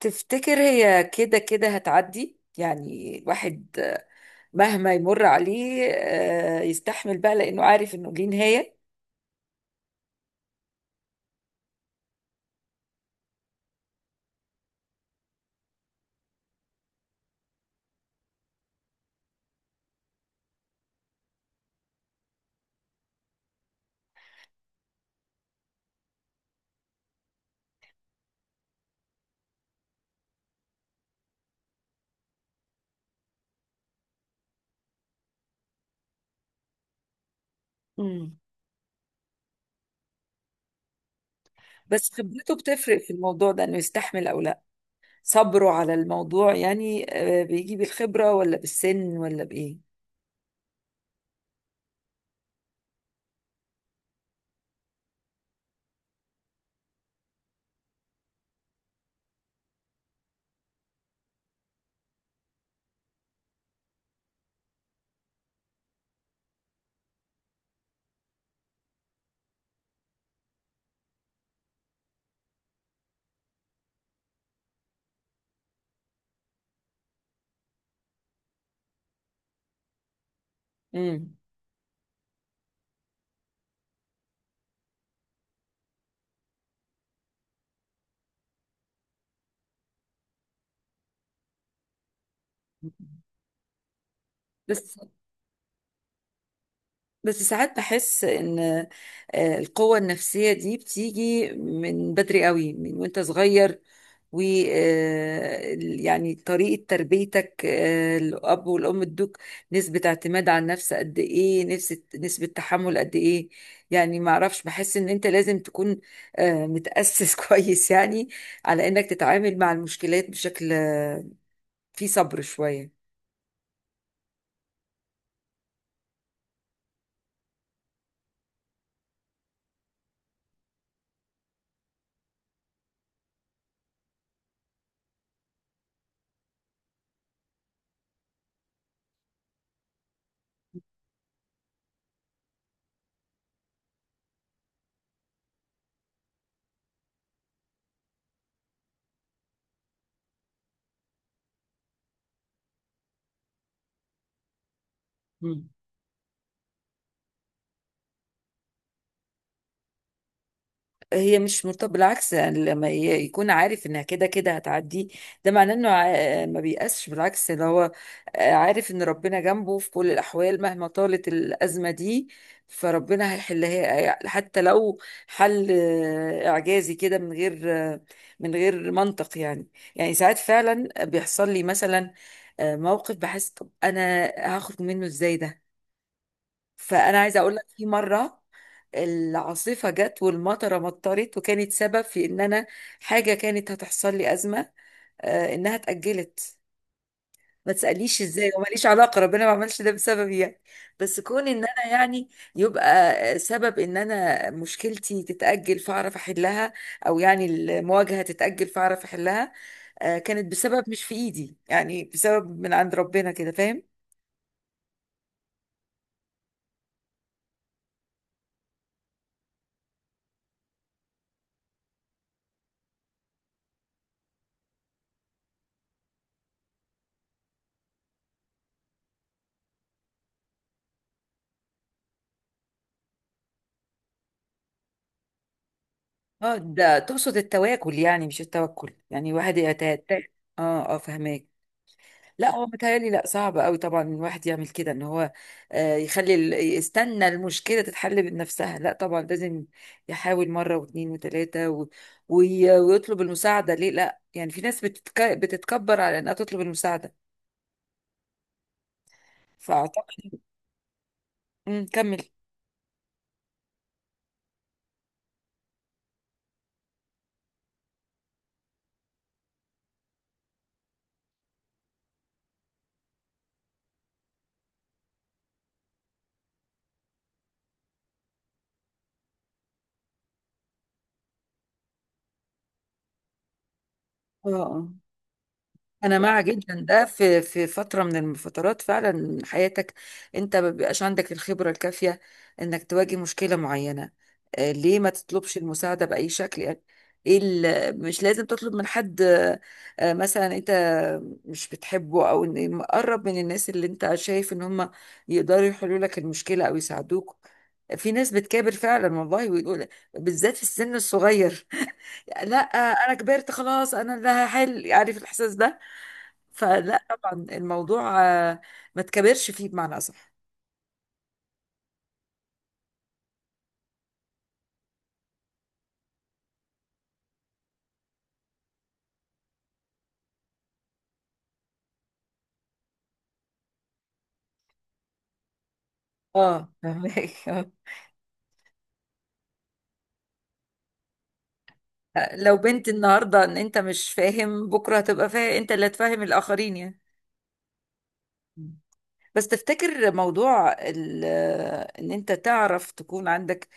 تفتكر هي كده كده هتعدي، يعني الواحد مهما يمر عليه يستحمل بقى لأنه عارف إنه ليه نهاية؟ امم بس خبرته بتفرق في الموضوع ده، إنه يستحمل أو لا؟ صبره على الموضوع، يعني بيجي بالخبرة ولا بالسن ولا بإيه؟ مم. بس بس ساعات بحس ان القوة النفسية دي بتيجي من بدري قوي، من وانت صغير، و يعني طريقة تربيتك، الأب والأم ادوك نسبة اعتماد على النفس قد إيه، نسبة تحمل قد إيه. يعني ما أعرفش، بحس إن أنت لازم تكون متأسس كويس يعني، على إنك تتعامل مع المشكلات بشكل فيه صبر شوية. هي مش مرتبطة، بالعكس، يعني لما يكون عارف انها كده كده هتعدي، ده معناه انه ما بيأسش، بالعكس ده هو عارف ان ربنا جنبه في كل الاحوال، مهما طالت الازمة دي فربنا هيحلها، حتى لو حل اعجازي كده، من غير آه، منطق يعني. يعني ساعات فعلا بيحصل لي مثلا موقف، بحس طب انا هاخد منه ازاي ده؟ فانا عايزه اقول لك، في مره العاصفه جت والمطره مطرت، وكانت سبب في ان انا، حاجه كانت هتحصل لي ازمه انها اتاجلت. ما تساليش ازاي، وماليش علاقه، ربنا ما عملش ده بسببي يعني، بس كون ان انا يعني، يبقى سبب ان انا مشكلتي تتاجل فاعرف احلها، او يعني المواجهه تتاجل فاعرف احلها كانت بسبب مش في ايدي، يعني بسبب من عند ربنا كده، فاهم؟ اه، ده تقصد التواكل يعني، مش التوكل. يعني واحد يتات، اه. اه، فهماك. لا، هو متهيألي لا، صعب قوي طبعا الواحد يعمل كده، ان هو يخلي يستنى المشكلة تتحل بنفسها. لا طبعا، لازم يحاول مرة واثنين وثلاثة ويطلب المساعدة. ليه؟ لا يعني في ناس بتتكبر على انها تطلب المساعدة، فاعتقد... مم، كمل. اه، انا مع جدا ده. في فتره من الفترات فعلا حياتك، انت ما بيبقاش عندك الخبره الكافيه انك تواجه مشكله معينه. ليه ما تطلبش المساعده باي شكل يعني؟ ايه مش لازم تطلب من حد مثلا انت مش بتحبه، او إن مقرب من الناس اللي انت شايف ان هم يقدروا يحلوا لك المشكله او يساعدوك. في ناس بتكابر فعلا والله، ويقول، بالذات في السن الصغير لا، انا كبرت خلاص، انا اللي هحل، عارف الاحساس ده. فلا طبعا الموضوع ما تكبرش فيه، بمعنى أصح. اه، فهمك آه. لو بنت النهارده ان انت مش فاهم، بكره هتبقى فاهم، انت اللي هتفهم الاخرين يعني. بس تفتكر موضوع ان انت تعرف تكون عندك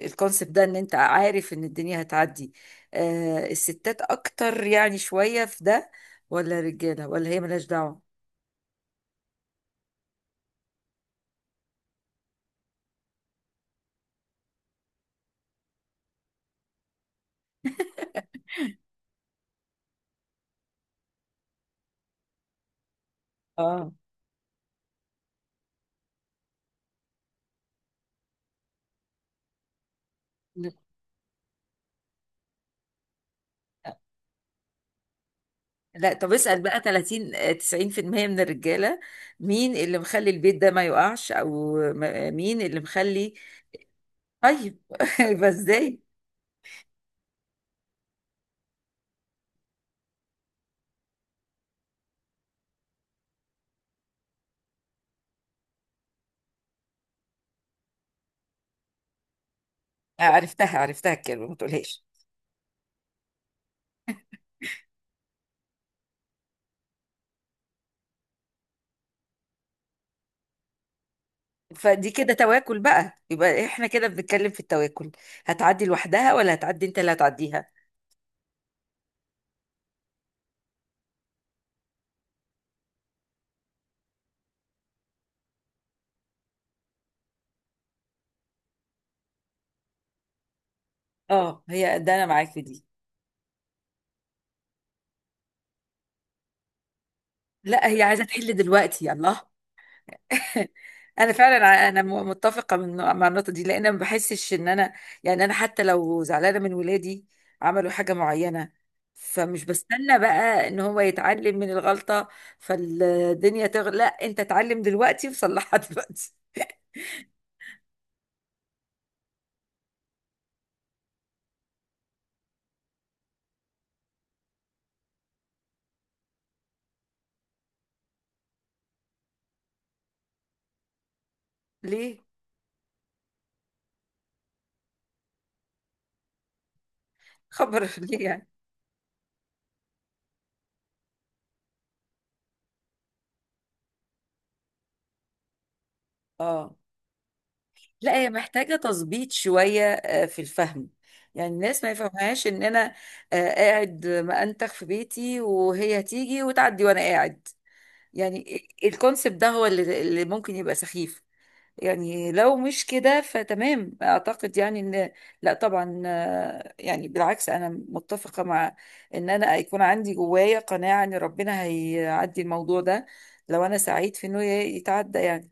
الكونسبت ده، ان انت عارف ان الدنيا هتعدي، الستات اكتر يعني شوية في ده، ولا الرجالة، ولا هي ملهاش دعوة؟ اه، لا طب اسأل بقى 30 90% من الرجالة، مين اللي مخلي البيت ده ما يقعش، او مين اللي مخلي؟ طيب يبقى ازاي؟ عرفتها، عرفتها الكلمة، ما تقولهاش. فدي كده تواكل بقى، يبقى احنا كده بنتكلم في التواكل. هتعدي لوحدها، ولا هتعدي انت اللي هتعديها؟ اه، هي ده انا معاك في دي. لا، هي عايزة تحل دلوقتي، يلا. انا فعلا متفقه مع النقطه دي، لان ما بحسش ان انا يعني، انا حتى لو زعلانه من ولادي، عملوا حاجه معينه، فمش بستنى بقى ان هو يتعلم من الغلطه فالدنيا تغلى. لا، انت اتعلم دلوقتي وصلحها دلوقتي. ليه؟ خبر ليه يعني؟ اه، لا هي محتاجه تظبيط شويه في الفهم. يعني الناس ما يفهمهاش ان انا قاعد مأنتخ في بيتي، وهي هتيجي وتعدي وانا قاعد. يعني الكونسبت ده هو اللي ممكن يبقى سخيف. يعني لو مش كده فتمام، اعتقد يعني ان... لا طبعا يعني بالعكس، انا متفقة مع ان انا يكون عندي جوايا قناعة ان ربنا هيعدي الموضوع ده، لو انا سعيد في انه يتعدى يعني.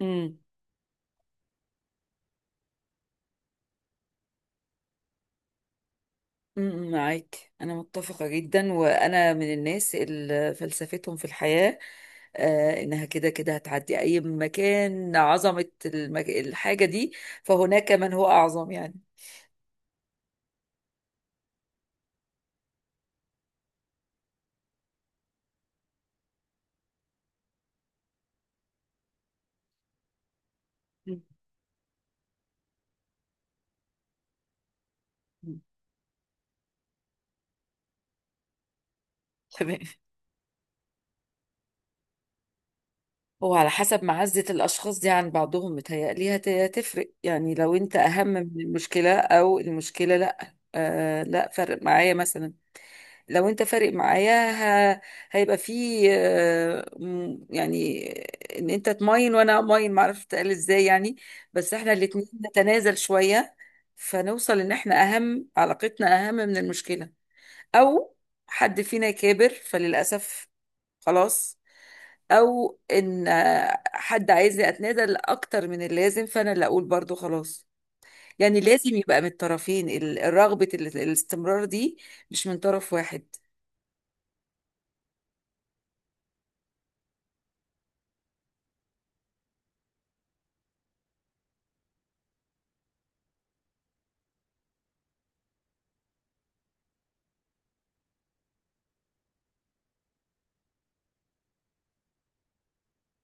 مهم. معاك، أنا متفقة جدا، وأنا من الناس اللي فلسفتهم في الحياة إنها كده كده هتعدي أي مكان. عظمة الحاجة دي، فهناك من هو أعظم يعني. مم. تمام. هو على حسب معزة الأشخاص دي عن بعضهم، متهيألي هتفرق يعني. لو أنت أهم من المشكلة، أو المشكلة لأ لأ، فرق معايا مثلا. لو انت فارق معايا، ه... هيبقى فيه يعني ان انت تماين وانا اماين، معرفش تقال ازاي يعني، بس احنا الاتنين نتنازل شوية فنوصل ان احنا اهم، علاقتنا اهم من المشكلة. او حد فينا يكابر فللأسف خلاص، او ان حد عايزني اتنازل اكتر من اللازم، فانا اللي اقول برضو خلاص. يعني لازم يبقى من الطرفين الرغبة الاستمرار دي، مش من طرف واحد.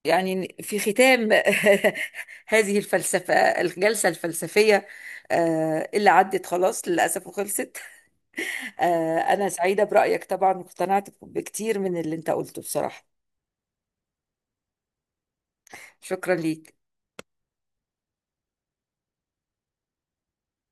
يعني في ختام هذه الفلسفة، الجلسة الفلسفية اللي عدت خلاص للأسف وخلصت. أنا سعيدة برأيك طبعا، واقتنعت بكتير من اللي أنت قلته بصراحة. شكرا ليك.